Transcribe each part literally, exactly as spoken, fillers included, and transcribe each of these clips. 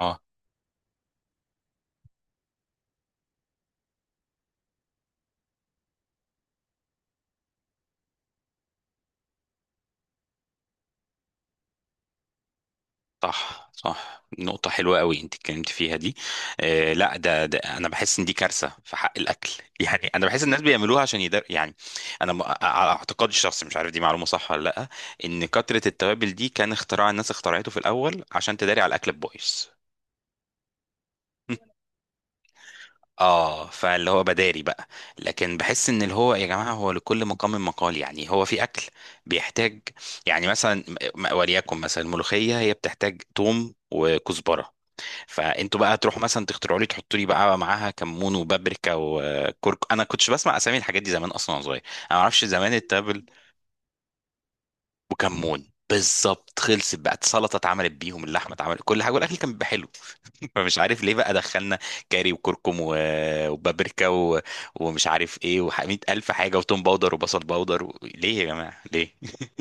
اه صح صح، نقطة حلوة قوي انت اتكلمت فيها دي. آه لا ده, ده انا بحس ان دي كارثة في حق الاكل يعني انا بحس الناس بيعملوها عشان يدر يعني. انا م- على اعتقادي الشخصي مش عارف دي معلومة صح ولا لا، ان كترة التوابل دي كان اختراع الناس اخترعته في الاول عشان تداري على الاكل البايظ. اه، فاللي هو بداري بقى. لكن بحس ان اللي هو يا جماعه هو لكل مقام مقال، يعني هو في اكل بيحتاج، يعني مثلا، م- وليكن مثلا الملوخيه هي بتحتاج توم وكزبره، فانتوا بقى تروحوا مثلا تخترعوا لي تحطوا لي بقى معاها كمون وبابريكا وكرك. انا كنتش بسمع اسامي الحاجات دي زمان اصلا وانا صغير. انا ما اعرفش زمان التابل وكمون بالظبط، خلصت بقى السلطه اتعملت بيهم، اللحمه اتعملت، كل حاجه، والاكل كان بيبقى حلو. فمش عارف ليه بقى دخلنا كاري وكركم و- وبابريكا و... ومش عارف ايه و100 الف حاجه وتوم باودر وبصل باودر و... ليه يا جماعه؟ ليه؟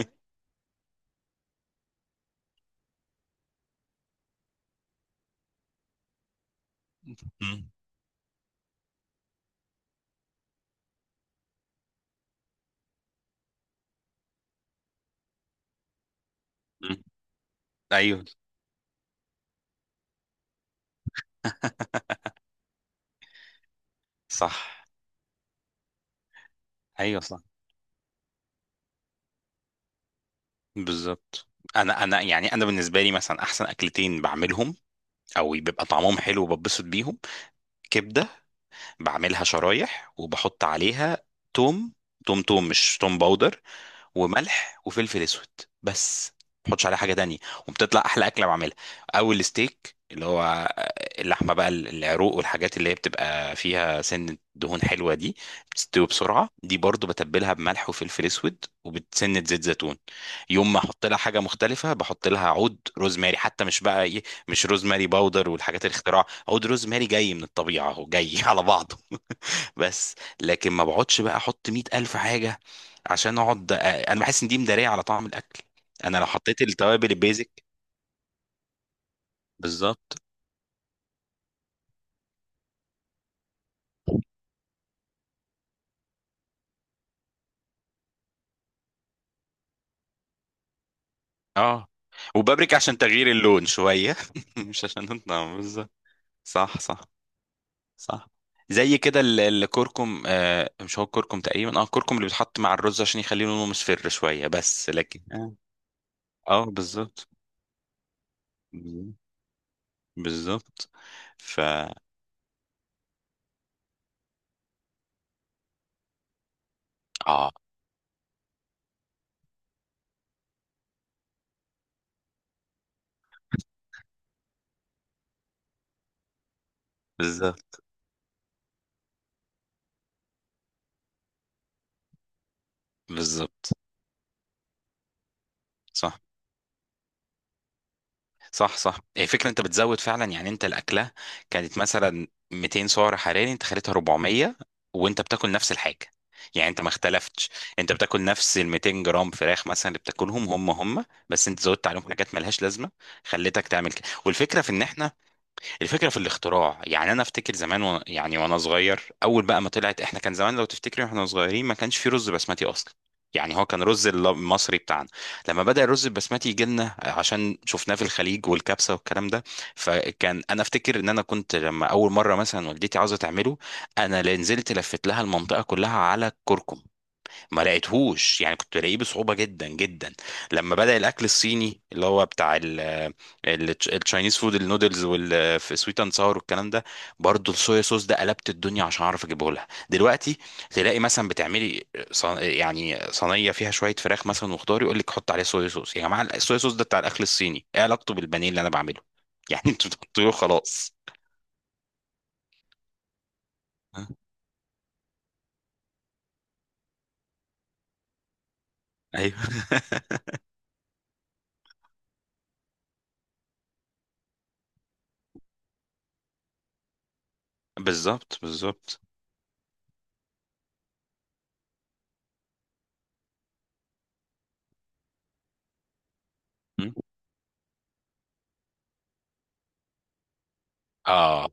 مم. مم. ايوه صح. ايوه صح بالظبط. انا انا يعني انا بالنسبه لي مثلا احسن اكلتين بعملهم او بيبقى طعمهم حلو وببسط بيهم، كبده بعملها شرايح وبحط عليها توم. توم توم مش توم باودر، وملح وفلفل اسود بس، ما تحطش عليها حاجه تانية، وبتطلع احلى اكله بعملها. او الستيك اللي هو اللحمه بقى العروق والحاجات اللي هي بتبقى فيها سنه دهون حلوه دي، بتستوي بسرعه، دي برضو بتبلها بملح وفلفل اسود وبتسنه زيت زيتون. يوم ما احط لها حاجه مختلفه بحط لها عود روزماري حتى، مش بقى ايه، مش روزماري باودر والحاجات الاختراع، عود روزماري جاي من الطبيعه، هو جاي على بعضه بس. لكن ما بقعدش بقى احط مية الف حاجه عشان اقعد، انا بحس ان دي مداريه على طعم الاكل. انا لو حطيت التوابل البيزك بالظبط. اه، وبابريكا عشان تغيير اللون شويه مش عشان الطعم بالظبط. صح صح. صح، زي كده ال- الكركم، آه مش هو الكركم تقريبا، اه الكركم اللي بيتحط مع الرز عشان يخليه لونه مصفر شويه بس، لكن اه آه، بالظبط. بالظبط. ف، اه بالظبط بالظبط. صح صح، صح، هي فكرة انت بتزود فعلا يعني، انت الاكلة كانت مثلا مئتين سعر حراري، انت خليتها اربعمية، وانت بتاكل نفس الحاجة، يعني انت ما اختلفتش، انت بتاكل نفس ال مئتين جرام فراخ مثلا اللي بتاكلهم، هم هم بس انت زودت عليهم حاجات ملهاش لازمة، خليتك تعمل كده. والفكرة في ان احنا، الفكره في الاختراع، يعني انا افتكر زمان و... يعني وانا صغير اول بقى ما طلعت، احنا كان زمان لو تفتكري واحنا صغيرين ما كانش في رز بسمتي اصلا، يعني هو كان رز الل- المصري بتاعنا. لما بدأ الرز البسمتي يجي لنا عشان شفناه في الخليج والكبسة والكلام ده، فكان انا افتكر ان انا كنت لما اول مرة مثلا والدتي عاوزة تعمله، انا اللي نزلت لفت لها المنطقة كلها على الكركم، ما لقيتهوش، يعني كنت الاقيه بصعوبه جدا جدا. لما بدأ الاكل الصيني اللي هو بتاع التشاينيز فود، النودلز والسويت اند ساور والكلام ده، برضو الصويا صوص ده قلبت الدنيا عشان اعرف اجيبه لها دلوقتي. تلاقي مثلا بتعملي صن... يعني صينيه فيها شويه فراخ مثلا وخضار، يقول لك حط عليه صويا صوص، يا جماعه الصويا صوص ده بتاع الاكل الصيني، ايه علاقته بالبانيه اللي انا بعمله؟ يعني انتوا بتحطوه خلاص. ايوه بالظبط بالظبط. اه.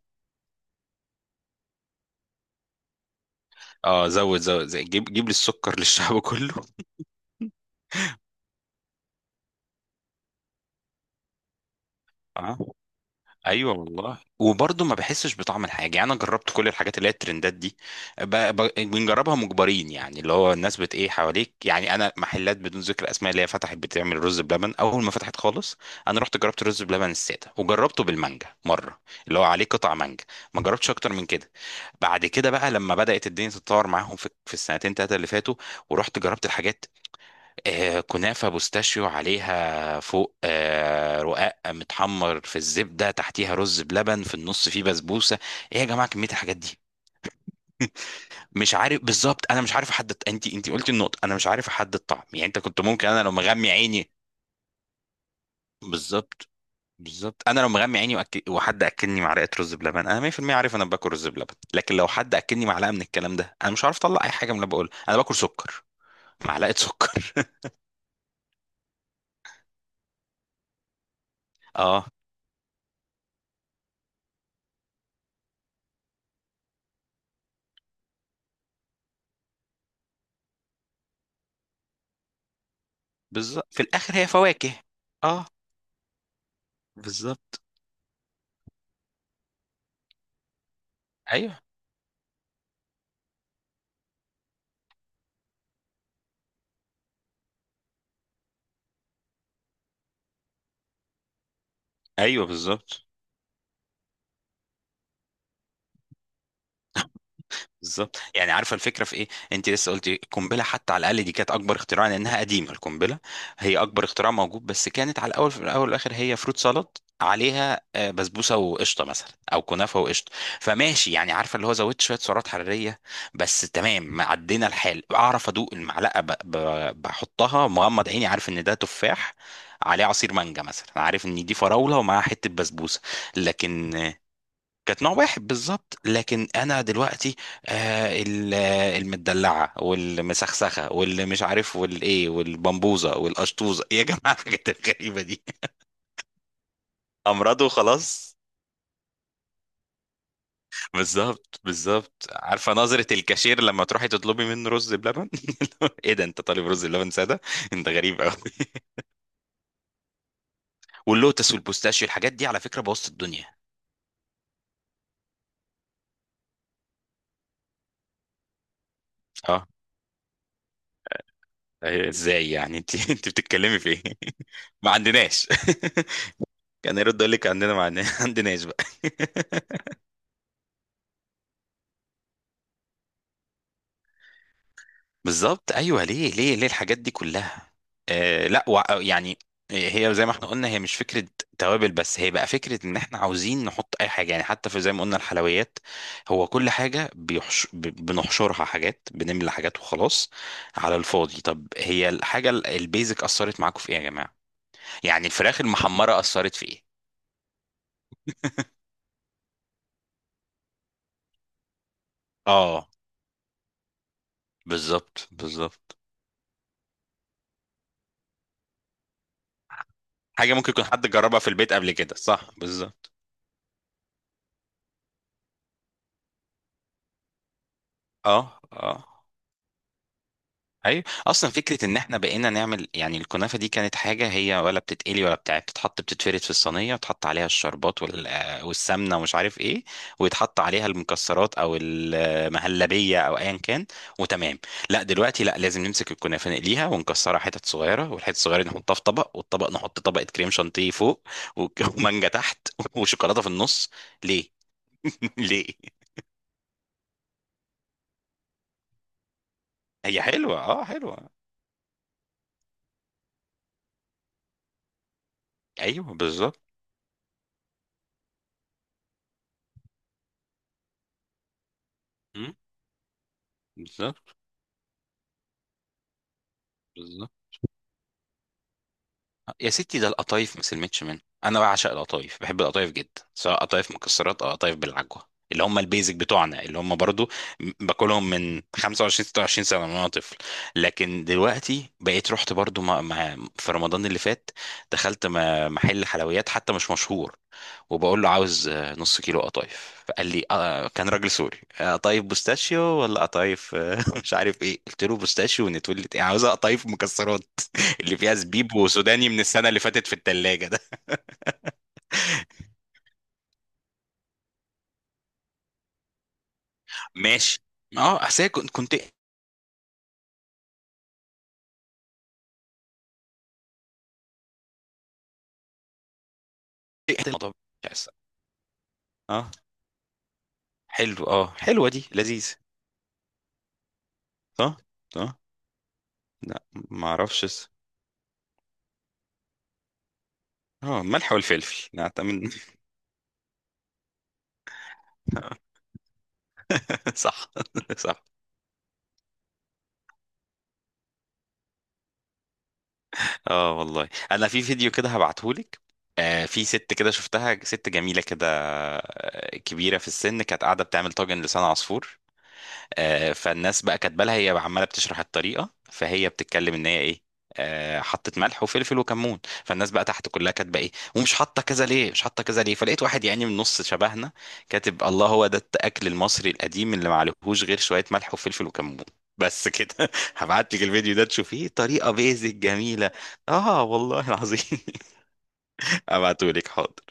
اه زود زود، زي جيب جيب لي السكر للشعب كله. اه ايوه والله، وبرضه ما بحسش بطعم الحاجه، يعني انا جربت كل الحاجات اللي هي الترندات دي. ب... ب... بنجربها مجبرين يعني، اللي هو الناس بت ايه حواليك. يعني انا محلات بدون ذكر اسماء اللي هي فتحت بتعمل رز بلبن اول ما فتحت خالص، انا رحت جربت الرز بلبن الساده وجربته بالمانجا مره، اللي هو عليه قطع مانجا، ما جربتش اكتر من كده. بعد كده بقى لما بدات الدنيا تتطور معاهم في, في السنتين ثلاثه اللي فاتوا، ورحت جربت الحاجات، آه، كنافة بوستاشيو عليها فوق آه، رقاق متحمر في الزبدة تحتيها رز بلبن في النص فيه بسبوسة. ايه يا جماعة كمية الحاجات دي؟ مش عارف بالظبط، انا مش عارف احدد، انت انت قلتي النقطة، انا مش عارف احدد الطعم يعني. انت كنت ممكن، انا لو مغمي عيني بالظبط. بالظبط، انا لو مغمي عيني وأكل... وحد اكلني معلقة رز بلبن انا مية في المية عارف انا باكل رز بلبن، لكن لو حد اكلني معلقة من الكلام ده انا مش عارف اطلع اي حاجة من اللي بقولها، انا باكل سكر، معلقة سكر. اه بالظبط في الاخر هي فواكه. اه بالظبط. ايوه ايوه بالظبط. بالظبط يعني عارفه الفكره في ايه؟ انت لسه قلتي القنبله حتى، على الاقل دي كانت اكبر اختراع لانها قديمه القنبله، هي اكبر اختراع موجود، بس كانت على الاول في الاول والاخر هي فروت سالاد عليها آه، بسبوسه وقشطه مثلا او كنافه وقشطه، فماشي يعني، عارفه اللي هو زودت شويه سعرات حراريه بس تمام، ما عدينا الحال، اعرف ادوق المعلقه ب... ب... بحطها مغمض عيني، عارف ان ده تفاح عليه عصير مانجا مثلا، عارف ان دي فراوله ومعاها حته بسبوسه، لكن كانت نوع واحد بالظبط. لكن انا دلوقتي آه ال- آه، المدلعه والمسخسخه واللي مش عارف والايه والبمبوزه والقشطوزه، يا جماعه الحاجات الغريبه دي امراض وخلاص. بالظبط بالظبط. عارفه نظره الكاشير لما تروحي تطلبي منه رز بلبن؟ ايه ده انت طالب رز بلبن ساده؟ انت غريب قوي. واللوتس والبوستاشيو الحاجات دي على فكره بوظت الدنيا. اه إيه، ازاي يعني؟ انت انت بتتكلمي في ايه؟ ما عندناش. كان يرد يقول لك عندنا، معناه عندناش بقى. بالظبط ايوه. ليه ليه ليه الحاجات دي كلها؟ آه لا وع- يعني هي زي ما احنا قلنا هي مش فكره توابل بس، هي بقى فكره ان احنا عاوزين نحط اي حاجه، يعني حتى في زي ما قلنا الحلويات، هو كل حاجه بيحش ب- بنحشرها حاجات، بنملى حاجات وخلاص على الفاضي. طب هي الحاجه ال- البيزك اثرت معاكم في ايه يا جماعه؟ يعني الفراخ المحمره اثرت في ايه؟ اه بالظبط بالظبط. حاجه ممكن يكون حد جربها في البيت قبل كده، صح بالظبط. اه. اه ايوه، اصلا فكره ان احنا بقينا نعمل يعني، الكنافه دي كانت حاجه هي ولا بتتقلي ولا بتاع، بتتحط بتتفرد في الصينيه وتحط عليها الشربات وال... آه، والسمنه ومش عارف ايه، ويتحط عليها المكسرات او المهلبيه او ايا كان، وتمام. لا دلوقتي لا، لازم نمسك الكنافه نقليها ونكسرها حتت صغيره، والحتت الصغيره دي نحطها في طبق، والطبق نحط طبقه كريم شانتيه فوق و- ومانجا تحت وشوكولاته في النص. ليه؟ ليه؟ هي حلوه اه حلوه. ايوه بالظبط. مم، بالظبط. بالظبط يا ستي، ده القطايف ما سلمتش منه. انا بعشق القطايف، بحب القطايف جدا، سواء قطايف مكسرات او قطايف بالعجوه اللي هم البيزك بتوعنا، اللي هم برضو م- باكلهم من خمسة وعشرين ستة وعشرين سنه، من وانا طفل. لكن دلوقتي بقيت رحت برضو مع مع- في رمضان اللي فات، دخلت م- محل حلويات حتى مش مشهور وبقول له عاوز آه، نص كيلو قطايف. فقال لي آه، كان راجل سوري، آه، قطايف بوستاشيو ولا قطايف آه، مش عارف ايه. قلت له بوستاشيو ونتولت، ايه؟ عاوزها قطايف مكسرات اللي فيها زبيب وسوداني من السنه اللي فاتت في الثلاجه ده. ماشي. اه اصل هي كنت كنت الموضوع مش عايز. اه، حلو، اه حلوه دي، لذيذ. صح صح. لا ما اعرفش اس- اه الملح والفلفل نعتمد. صح صح. اه والله انا في فيديو كده هبعتهولك، آه في ست كده شفتها، ست جميله كده آه، كبيره في السن، كانت قاعده بتعمل طاجن لسان عصفور آه، فالناس بقى كاتبه لها، هي عماله بتشرح الطريقه فهي بتتكلم ان هي ايه، آه، حطت ملح وفلفل وكمون، فالناس بقى تحت كلها كاتبه ايه، ومش حاطه كذا ليه، مش حاطه كذا ليه، فلقيت واحد يعني من النص شبهنا كاتب، الله هو ده الاكل المصري القديم اللي معلهوش غير شويه ملح وفلفل وكمون بس كده. هبعت لك الفيديو ده تشوفيه، طريقه بيزك جميله. اه والله العظيم. هبعته لك، حاضر.